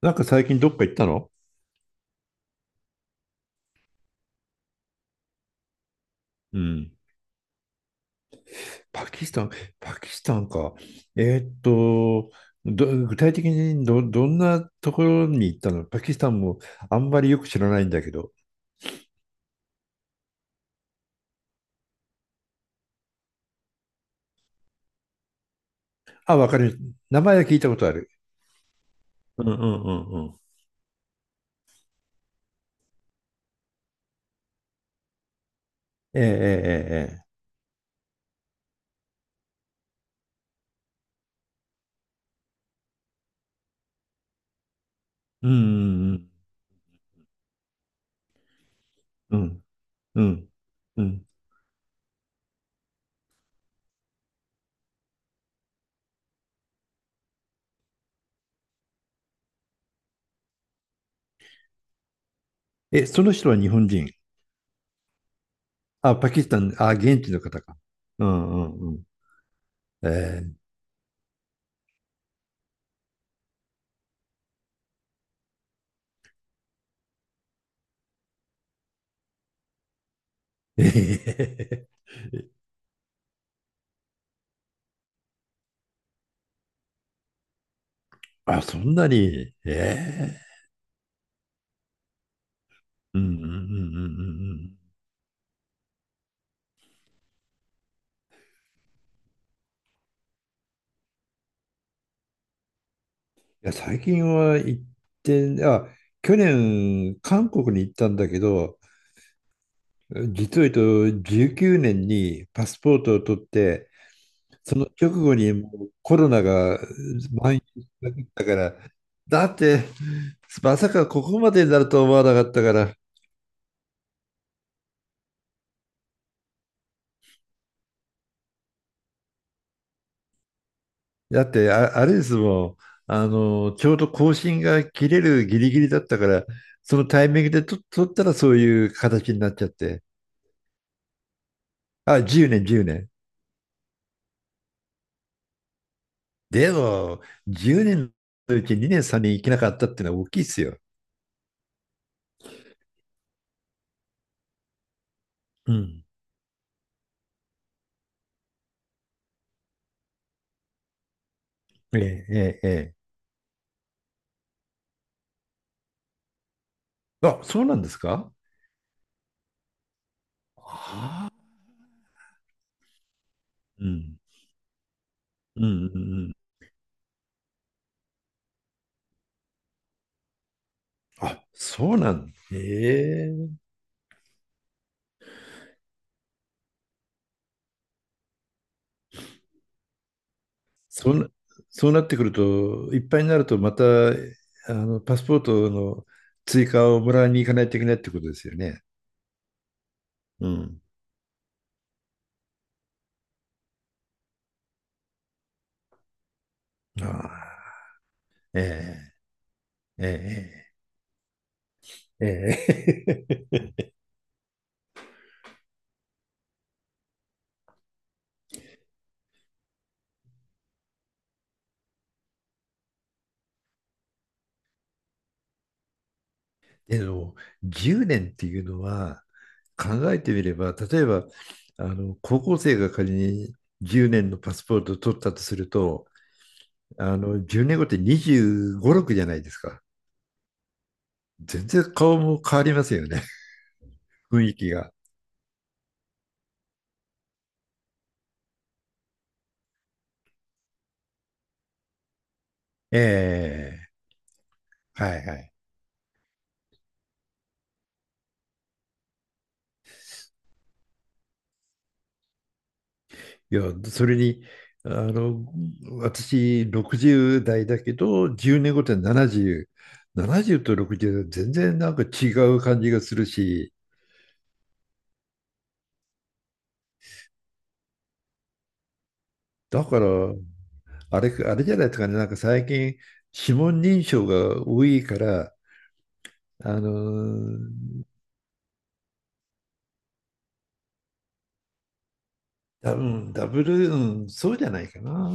なんか最近どっか行ったの？うん。パキスタン、パキスタンか。えーっと、具体的にどんなところに行ったのパキスタンもあんまりよく知らないんだけど。あ、わかる。名前は聞いたことある。うんうんうんうん。ええええええ。うんうんうんうんうん。え、その人は日本人？あ、パキスタン、あ、現地の方か。うんうんうん。えー、えへへへ。 あ、そんなに。え、うんうんうんうんうん。いや、最近は行って、あ、去年、韓国に行ったんだけど、実を言うと19年にパスポートを取って、その直後にもうコロナが蔓延しまくったから、だって、まさかここまでになると思わなかったから、だって、あ、あれですもん、あの、ちょうど更新が切れるギリギリだったから、そのタイミングで取ったらそういう形になっちゃって、あ、10年、10年。でも、10年のうち2年、3年行けなかったっていうのは大きいですよ。うん。ええ、ええ、ええ。あ、そうなんですか？ああ、うん。うん、うん、うん。あ、そうなんだ。ええ。そんな、そうなってくると、いっぱいになると、また、あの、パスポートの追加をもらいに行かないといけないってことですよね。うん。ああ、ええ、ええ、ええ。ええ。 でも、10年っていうのは、考えてみれば、例えば、あの、高校生が仮に10年のパスポートを取ったとすると、あの、10年後って25、6じゃないですか。全然顔も変わりますよね。雰囲気が。ええ。はいはい。いや、それに、あの、私、60代だけど、10年後って70、70と60は全然なんか違う感じがするし、だから、あれ、あれじゃないですかね、なんか最近、指紋認証が多いから、あのー、うんダブル、うん、そうじゃないかな。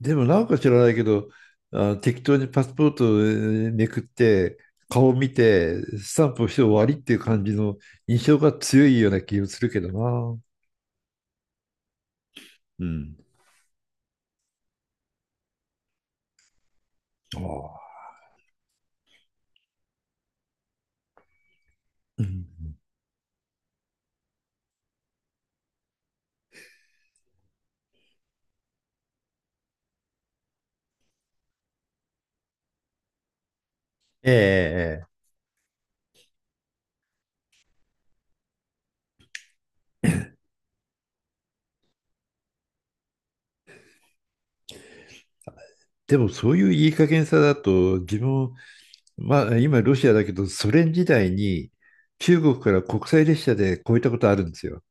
でも、なんか知らないけど、あ、適当にパスポートをめくって、顔見て、スタンプをして終わりっていう感じの印象が強いような気がするけどな。うん。ああ。うん。ええええ。でもそういういい加減さだと、自分、まあ今ロシアだけど、ソ連時代に中国から国際列車で越えたことあるんですよ。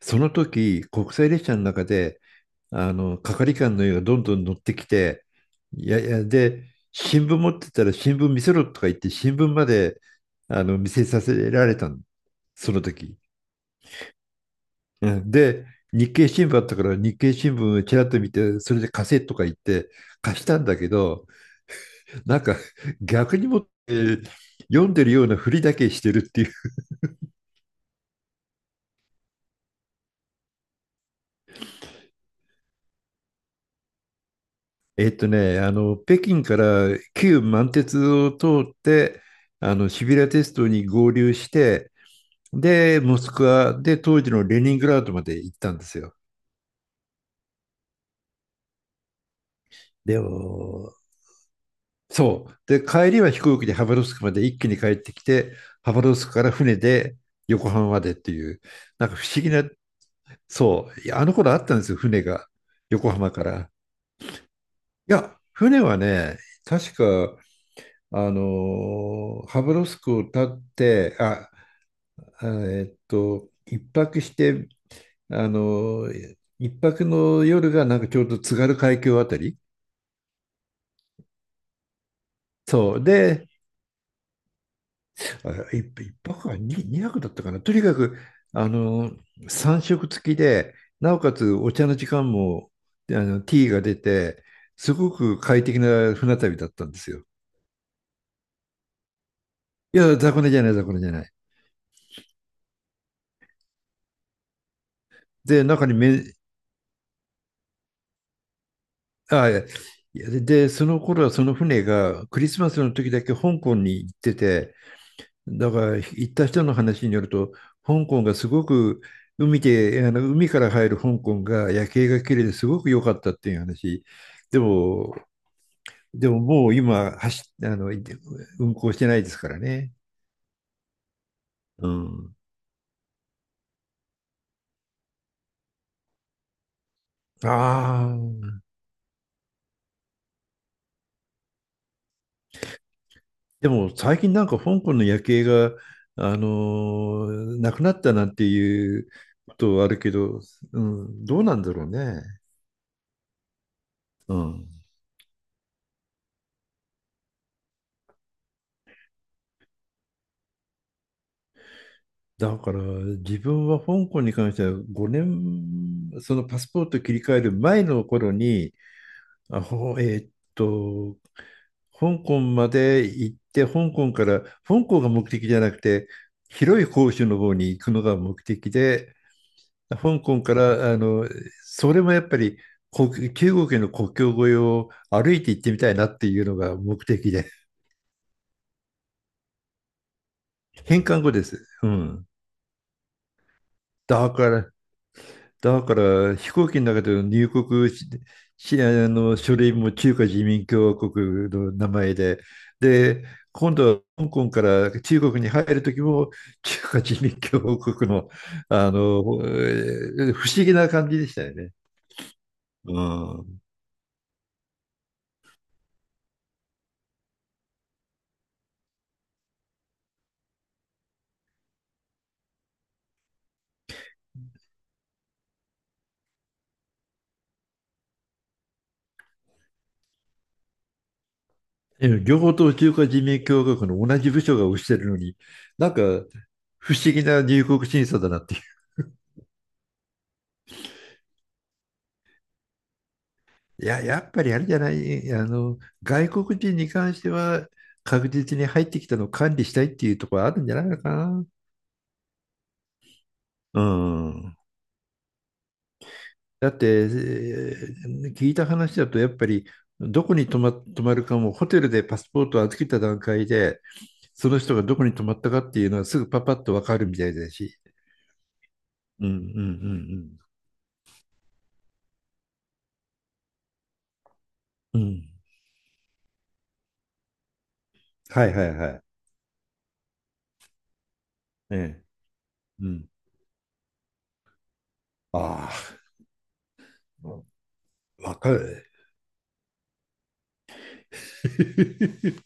その時、国際列車の中で、あの、係官の家がどんどん乗ってきて、いやいや、で、新聞持ってたら新聞見せろとか言って、新聞まで見せさせられたの、その時。うんで、日経新聞あったから、日経新聞をちらっと見て、それで貸せとか言って貸したんだけど、なんか逆にもって、読んでるようなふりだけしてるっていう。あの、北京から旧満鉄を通って、あの、シビラ鉄道に合流して、で、モスクワで当時のレニングラードまで行ったんですよ。でも、そう。で、帰りは飛行機でハバロフスクまで一気に帰ってきて、ハバロフスクから船で横浜までっていう、なんか不思議な、そう、いやあの頃あったんですよ、船が、横浜から。いや、船はね、確か、ハブロフスクを立って、一泊して、一泊の夜がなんかちょうど津軽海峡あたり。そう。で、あ、一泊は二泊だったかな。とにかく、三食付きで、なおかつお茶の時間も、あの、ティーが出て、すごく快適な船旅だったんですよ。いや、雑魚寝じゃない、雑魚寝じゃない。で、中にめあ、いや、いやで、その頃はその船がクリスマスの時だけ香港に行ってて、だから行った人の話によると、香港がすごく海で、あの海から入る香港が夜景が綺麗ですごく良かったっていう話。でも、でも、もう今あの、運航してないですからね。うん。ああ。でも最近なんか香港の夜景が、なくなったなんていうことはあるけど、うん、どうなんだろうね。うん。だから自分は香港に関しては5年、そのパスポート切り替える前の頃に、あ、ほ、えーっと、香港まで行って、香港から、香港が目的じゃなくて、広い広州の方に行くのが目的で、香港から、あの、それもやっぱり、中国の国境越えを歩いて行ってみたいなっていうのが目的で、返還後です。うん。だから、だから、飛行機の中での入国ししあの書類も中華人民共和国の名前で、で、今度は香港から中国に入る時も中華人民共和国の、不思議な感じでしたよね。うん。ええ両方とも中華人民共和国の同じ部署が推してるのに、なんか不思議な入国審査だなっていう。いや、やっぱりあれじゃない、あの、外国人に関しては確実に入ってきたのを管理したいっていうところあるんじゃないのかな。うん。だって、聞いた話だと、やっぱりどこに泊まるかも、ホテルでパスポートを預けた段階で、その人がどこに泊まったかっていうのはすぐパパッとわかるみたいだし。うんうんうんうん。うんはいはいはい。ええ。うん。ああ、わかる。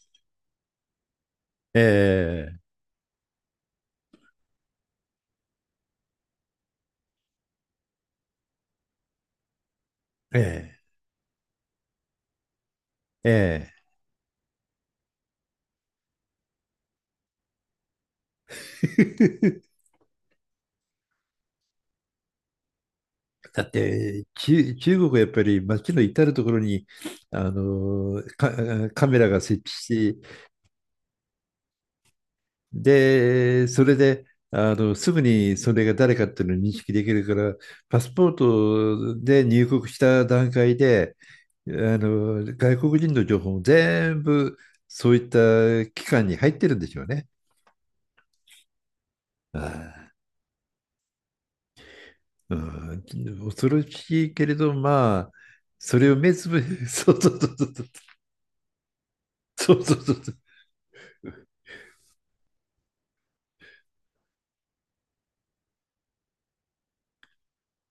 ええ、ええ、ええ。だって、中国はやっぱり街の至るところに、あのーか、カメラが設置し、で、それで、あの、すぐにそれが誰かっていうのを認識できるから、パスポートで入国した段階で、あの、外国人の情報も全部そういった機関に入ってるんでしょうね。ああ、うん、恐ろしいけれど、まあ、それを目つぶ、そうそうそうそう、そうそうそう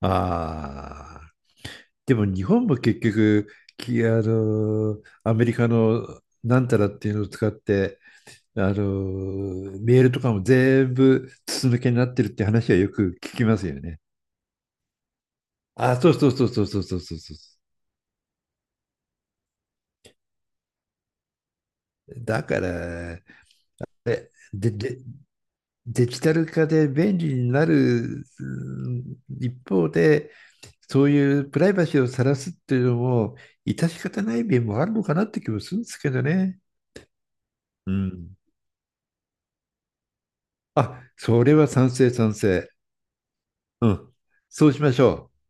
ああ。でも日本も結局、あの、アメリカのなんたらっていうのを使って、あの、メールとかも全部筒抜けになってるって話はよく聞きますよね。あ、そうそうそうそうそうそうそうそう。だから、で、デジタル化で便利になるうん一方で、そういうプライバシーを晒すっていうのも、致し方ない面もあるのかなって気もするんですけどね。うん。あ、それは賛成、賛成。うん。そうしましょう。